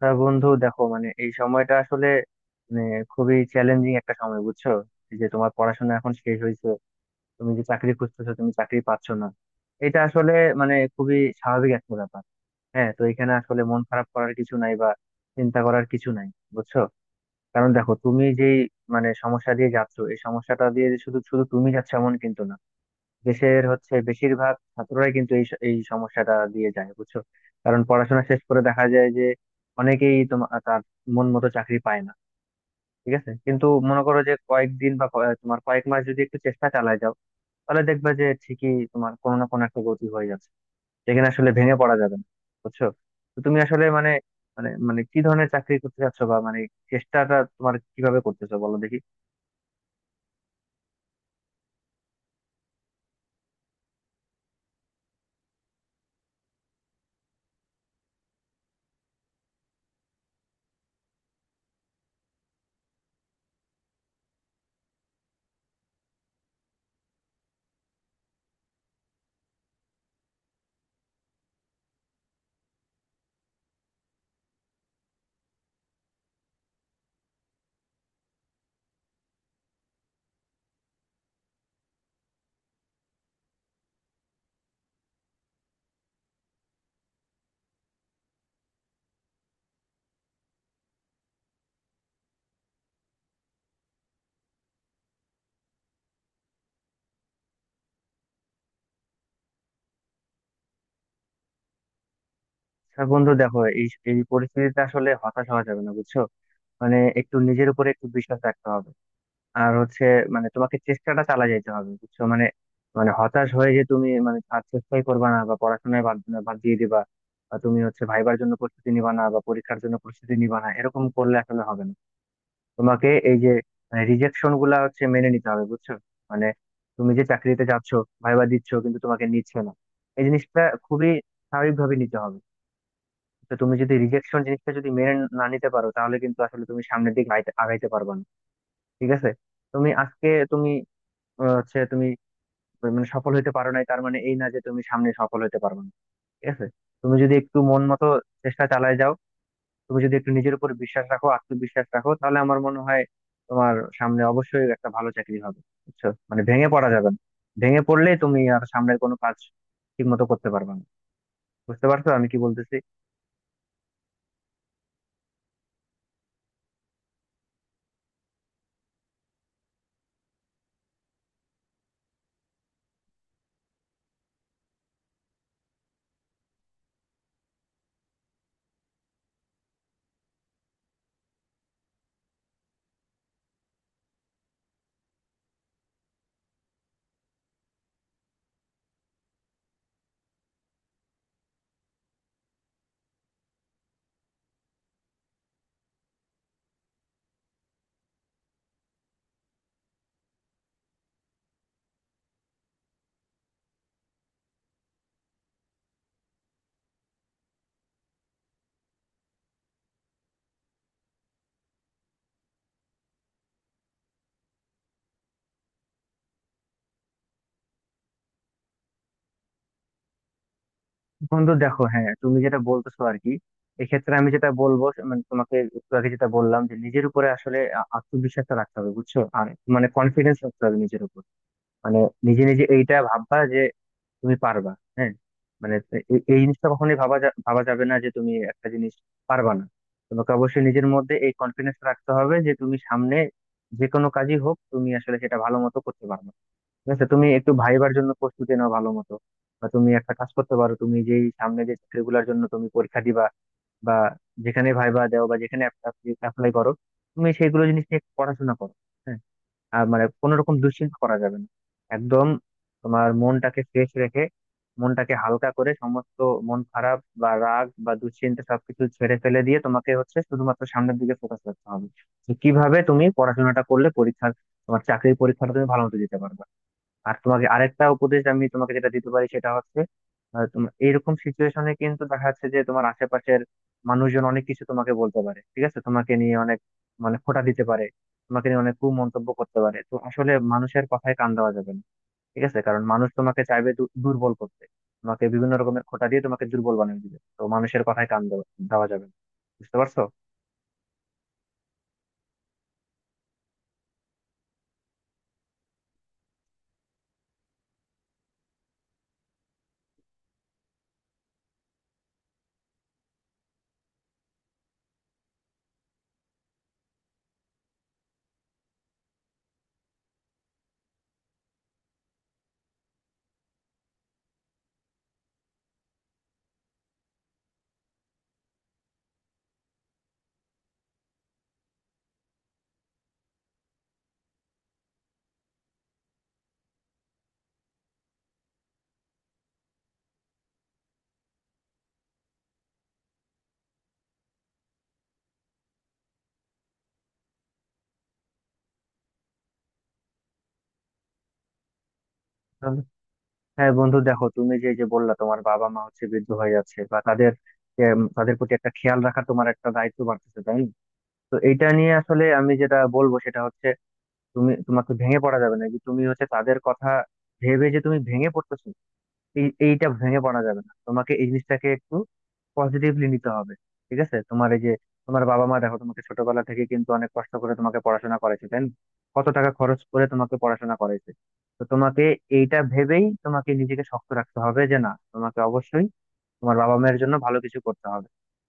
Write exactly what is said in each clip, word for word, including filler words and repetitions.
তা বন্ধু দেখো, মানে এই সময়টা আসলে মানে খুবই চ্যালেঞ্জিং একটা সময়, বুঝছো? এই যে তোমার পড়াশোনা এখন শেষ হয়েছে, তুমি যে চাকরি খুঁজতেছো, তুমি চাকরি পাচ্ছ না, এটা আসলে মানে খুবই স্বাভাবিক একটা ব্যাপার। হ্যাঁ, তো এখানে আসলে মন খারাপ করার কিছু নাই বা চিন্তা করার কিছু নাই, বুঝছো? কারণ দেখো, তুমি যেই মানে সমস্যা দিয়ে যাচ্ছ, এই সমস্যাটা দিয়ে যে শুধু শুধু তুমি যাচ্ছ এমন কিন্তু না। দেশের হচ্ছে বেশিরভাগ ছাত্ররাই কিন্তু এই স- এই সমস্যাটা দিয়ে যায়, বুঝছো? কারণ পড়াশোনা শেষ করে দেখা যায় যে অনেকেই তোমার তার মন মতো চাকরি পায় না। ঠিক আছে, কিন্তু মনে করো যে কয়েকদিন বা কয়- তোমার কয়েক মাস যদি একটু চেষ্টা চালায় যাও, তাহলে দেখবে যে ঠিকই তোমার কোনো না কোনো একটা গতি হয়ে যাচ্ছে। যেখানে আসলে ভেঙে পড়া যাবে না, বুঝছো? তো তুমি আসলে মানে মানে মানে কি ধরনের চাকরি করতে চাচ্ছো বা মানে চেষ্টাটা তোমার কিভাবে করতেছো, বলো দেখি। আচ্ছা বন্ধু, দেখো এই এই পরিস্থিতিতে আসলে হতাশ হওয়া যাবে না, বুঝছো? মানে একটু নিজের উপরে একটু বিশ্বাস রাখতে হবে। আর হচ্ছে, মানে তোমাকে চেষ্টাটা চালা যেতে হবে, বুঝছো? মানে মানে হতাশ হয়ে যে তুমি মানে আর চেষ্টাই করবা না বা পড়াশোনায় বাদ বাদ দিয়ে দিবা, বা তুমি হচ্ছে ভাইবার জন্য প্রস্তুতি নিবা না বা পরীক্ষার জন্য প্রস্তুতি নিবা না, এরকম করলে আসলে হবে না। তোমাকে এই যে রিজেকশন গুলা হচ্ছে মেনে নিতে হবে, বুঝছো? মানে তুমি যে চাকরিতে যাচ্ছ, ভাইবা দিচ্ছ, কিন্তু তোমাকে নিচ্ছে না, এই জিনিসটা খুবই স্বাভাবিকভাবে নিতে হবে। তো তুমি যদি রিজেকশন জিনিসটা যদি মেনে না নিতে পারো, তাহলে কিন্তু আসলে তুমি সামনের দিকে আগাইতে আগাইতে পারবা না। ঠিক আছে, তুমি আজকে তুমি আহ, হচ্ছে তুমি মানে সফল হইতে পারো নাই, তার মানে এই না যে তুমি সামনে সফল হইতে পারবে না। ঠিক আছে, তুমি যদি একটু মন মতো চেষ্টা চালায় যাও, তুমি যদি একটু নিজের উপর বিশ্বাস রাখো, আত্মবিশ্বাস রাখো, তাহলে আমার মনে হয় তোমার সামনে অবশ্যই একটা ভালো চাকরি হবে। বুঝছো, মানে ভেঙে পড়া যাবে না। ভেঙে পড়লে তুমি আর সামনের কোনো কাজ ঠিক মতো করতে পারবে না। বুঝতে পারছো আমি কি বলতেছি? বন্ধু দেখো, হ্যাঁ তুমি যেটা বলতেছো আর কি, এক্ষেত্রে আমি যেটা বলবো, মানে তোমাকে একটু আগে যেটা বললাম যে নিজের উপরে আসলে আ- আত্মবিশ্বাসটা রাখতে হবে, বুঝছো? আর মানে কনফিডেন্স রাখতে হবে নিজের উপর। মানে নিজে নিজে এইটা ভাববা যে তুমি পারবা। হ্যাঁ, মানে এ- এই জিনিসটা কখনোই ভাবা যা- ভাবা যাবে না যে তুমি একটা জিনিস পারবা না। তোমাকে অবশ্যই নিজের মধ্যে এই কনফিডেন্স রাখতে হবে যে তুমি সামনে যে কোনো কাজই হোক তুমি আসলে সেটা ভালো মতো করতে পারবে। ঠিক আছে, তুমি একটু ভাইবার জন্য প্রস্তুতি নাও ভালো মতো। বা তুমি একটা কাজ করতে পারো, তুমি যেই সামনে যে চাকরিগুলোর জন্য তুমি পরীক্ষা দিবা বা যেখানে ভাইবা দাও বা যেখানে অ্যাপ্লাই করো, তুমি সেইগুলো জিনিস নিয়ে একটু পড়াশোনা করো। হ্যাঁ, আর মানে কোনো রকম দুশ্চিন্তা করা যাবে না একদম। তোমার মনটাকে ফ্রেশ রেখে, মনটাকে হালকা করে সমস্ত মন খারাপ বা রাগ বা দুশ্চিন্তা সবকিছু ছেড়ে ফেলে দিয়ে তোমাকে হচ্ছে শুধুমাত্র সামনের দিকে ফোকাস করতে হবে যে কিভাবে তুমি পড়াশোনাটা করলে পরীক্ষার তোমার চাকরির পরীক্ষাটা তুমি ভালো মতো দিতে পারবে। আর তোমাকে আরেকটা উপদেশ আমি তোমাকে যেটা দিতে পারি, সেটা হচ্ছে আহ, তোমার এইরকম সিচুয়েশনে কিন্তু দেখা যাচ্ছে যে তোমার আশেপাশের মানুষজন অনেক কিছু তোমাকে বলতে পারে। ঠিক আছে, তোমাকে নিয়ে অনেক মানে খোঁটা দিতে পারে, তোমাকে নিয়ে অনেক কুমন্তব্য করতে পারে, তো আসলে মানুষের কথায় কান দেওয়া যাবে না। ঠিক আছে, কারণ মানুষ তোমাকে চাইবে দু- দুর্বল করতে, তোমাকে বিভিন্ন রকমের খোঁটা দিয়ে তোমাকে দুর্বল বানিয়ে দিবে, তো মানুষের কথায় কান দেওয়া দেওয়া যাবে না। বুঝতে পারছো? হ্যাঁ বন্ধু, দেখো তুমি যে যে বললা তোমার বাবা মা হচ্ছে বৃদ্ধ হয়ে যাচ্ছে বা তাদের এম, তাদের প্রতি একটা খেয়াল রাখা তোমার একটা দায়িত্ব বাড়তেছে, তাই না? তো এইটা নিয়ে আসলে আমি যেটা বলবো সেটা হচ্ছে, তুমি তোমাকে ভেঙে পড়া যাবে না যে তুমি হচ্ছে তাদের কথা ভেবে যে তুমি ভেঙে পড়তেছো, এই এইটা ভেঙে পড়া যাবে না। তোমাকে এই জিনিসটাকে একটু পজিটিভলি নিতে হবে। ঠিক আছে, তোমার এই যে তোমার বাবা মা দেখো তোমাকে ছোটবেলা থেকে কিন্তু অনেক কষ্ট করে তোমাকে পড়াশোনা করাইছে, তাই না? কত টাকা খরচ করে তোমাকে পড়াশোনা করাইছে। তো তোমাকে এইটা ভেবেই তোমাকে নিজেকে শক্ত রাখতে হবে যে না, তোমাকে অবশ্যই তোমার বাবা মায়ের জন্য ভালো কিছু করতে হবে।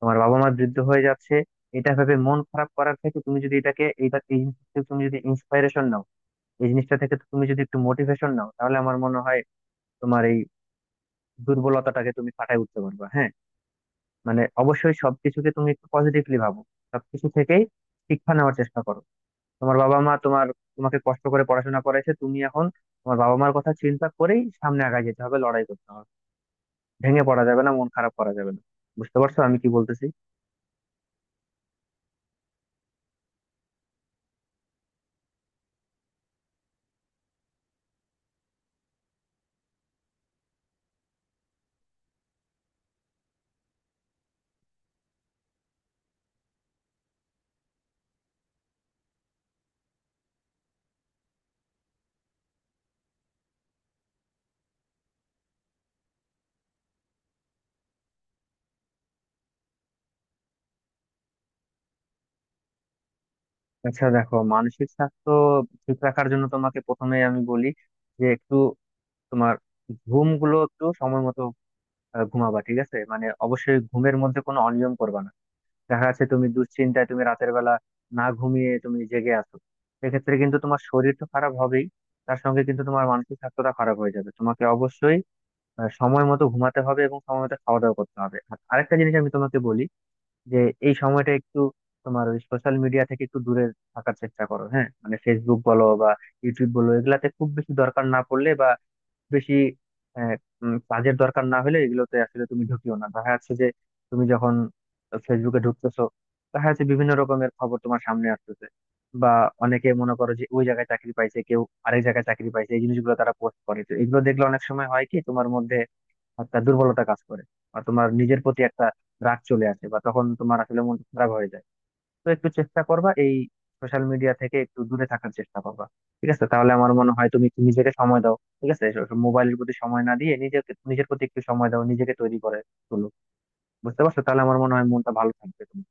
তোমার বাবা মা বৃদ্ধ হয়ে যাচ্ছে, এটা ভেবে মন খারাপ করার থেকে তুমি যদি এটাকে এইটা এই জিনিস থেকে তুমি যদি ইন্সপাইরেশন নাও, এই জিনিসটা থেকে তুমি যদি একটু মোটিভেশন নাও, তাহলে আমার মনে হয় তোমার এই দুর্বলতাটাকে তুমি কাটায় উঠতে পারবা। হ্যাঁ, মানে অবশ্যই সবকিছুকে তুমি একটু পজিটিভলি ভাবো, সবকিছু থেকেই শিক্ষা নেওয়ার চেষ্টা করো। তোমার বাবা মা তোমার তোমাকে কষ্ট করে পড়াশোনা করেছে, তুমি এখন তোমার বাবা মার কথা চিন্তা করেই সামনে আগায় যেতে হবে, লড়াই করতে হবে। ভেঙে পড়া যাবে না, মন খারাপ করা যাবে না। বুঝতে পারছো আমি কি বলতেছি? আচ্ছা, দেখো মানসিক স্বাস্থ্য ঠিক রাখার জন্য তোমাকে প্রথমে আমি বলি যে একটু তোমার ঘুম গুলো একটু সময় মতো আহ, ঘুমাবা। ঠিক আছে, মানে অবশ্যই ঘুমের মধ্যে কোনো অনিয়ম করবা না। দেখা যাচ্ছে তুমি দুশ্চিন্তায় তুমি রাতের বেলা না ঘুমিয়ে তুমি জেগে আছো, সেক্ষেত্রে কিন্তু তোমার শরীর তো খারাপ হবেই, তার সঙ্গে কিন্তু তোমার মানসিক স্বাস্থ্যটা খারাপ হয়ে যাবে। তোমাকে অবশ্যই আহ, সময় মতো ঘুমাতে হবে এবং সময় মতো খাওয়া দাওয়া করতে হবে। আর আরেকটা জিনিস আমি তোমাকে বলি যে এই সময়টা একটু তোমার ওই সোশ্যাল মিডিয়া থেকে একটু দূরে থাকার চেষ্টা করো। হ্যাঁ, মানে ফেসবুক বলো বা ইউটিউব বলো, এগুলাতে খুব বেশি দরকার না পড়লে বা বেশি আহ, উম, কাজের দরকার না হলে এগুলোতে আসলে তুমি ঢুকিও না। দেখা যাচ্ছে যে তুমি যখন ফেসবুকে ঢুকতেছো, দেখা যাচ্ছে বিভিন্ন রকমের খবর তোমার সামনে আসতেছে, বা অনেকে মনে করো যে ওই জায়গায় চাকরি পাইছে কেউ, আরেক জায়গায় চাকরি পাইছে, এই জিনিসগুলো তারা পোস্ট করে, তো এগুলো দেখলে অনেক সময় হয় কি তোমার মধ্যে একটা দুর্বলতা কাজ করে বা তোমার নিজের প্রতি একটা রাগ চলে আসে, বা তখন তোমার আসলে মন খারাপ হয়ে যায়। তো একটু চেষ্টা করবা এই সোশ্যাল মিডিয়া থেকে একটু দূরে থাকার চেষ্টা করবা। ঠিক আছে, তাহলে আমার মনে হয় তুমি একটু নিজেকে সময় দাও। ঠিক আছে, মোবাইলের প্রতি সময় না দিয়ে নিজেকে নিজের প্রতি একটু সময় দাও, নিজেকে তৈরি করে তোলো। বুঝতে পারছো? তাহলে আমার মনে হয় মনটা ভালো থাকবে তোমার।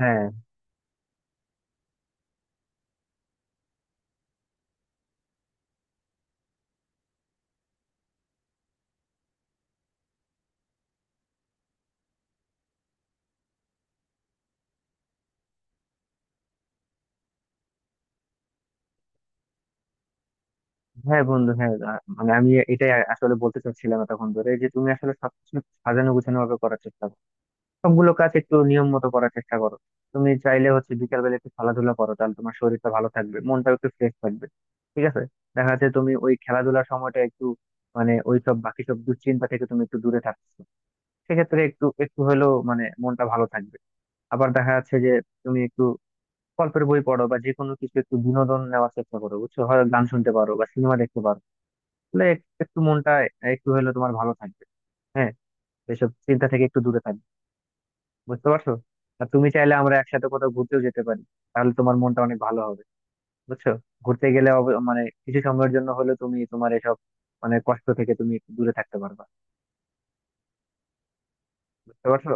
হ্যাঁ, হ্যাঁ বন্ধু, হ্যাঁ আ- মানে আমি এটাই আসলে বলতে চাচ্ছিলাম তখন ধরে যে তুমি আসলে সবকিছু সাজানো গুছানো ভাবে করার চেষ্টা করো। সবগুলো কাজ একটু নিয়ম মতো করার চেষ্টা করো। তুমি চাইলে হচ্ছে বিকাল বেলা একটু খেলাধুলা করো, তাহলে তোমার শরীরটা ভালো থাকবে, মনটাও একটু ফ্রেশ থাকবে। ঠিক আছে, দেখা যাচ্ছে তুমি ওই খেলাধুলার সময়টা একটু মানে ওই সব বাকি সব দুশ্চিন্তা থেকে তুমি একটু দূরে থাকছো, সেক্ষেত্রে একটু একটু হলেও মানে মনটা ভালো থাকবে। আবার দেখা যাচ্ছে যে তুমি একটু গল্পের বই পড়ো বা যে কোনো কিছু একটু বিনোদন নেওয়ার চেষ্টা করো, বুঝছো, হয় গান শুনতে পারো বা সিনেমা দেখতে পারো, তাহলে এক- একটু মনটা একটু হলেও তোমার ভালো থাকবে। হ্যাঁ, এসব চিন্তা থেকে একটু দূরে থাকবে। বুঝতে পারছো? আর তুমি চাইলে আমরা একসাথে কোথাও ঘুরতেও যেতে পারি, তাহলে তোমার মনটা অনেক ভালো হবে, বুঝছো? ঘুরতে গেলে অব- মানে কিছু সময়ের জন্য হলেও তুমি তোমার এসব মানে কষ্ট থেকে তুমি একটু দূরে থাকতে পারবা। বুঝতে পারছো?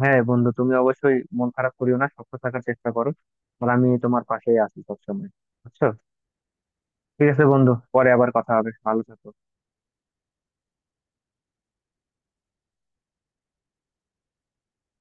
হ্যাঁ বন্ধু, তুমি অবশ্যই মন খারাপ করিও না, শক্ত থাকার চেষ্টা করো। আর আমি তোমার পাশেই আছি সবসময়, বুঝছো? ঠিক আছে বন্ধু, পরে আবার কথা হবে, ভালো থেকো।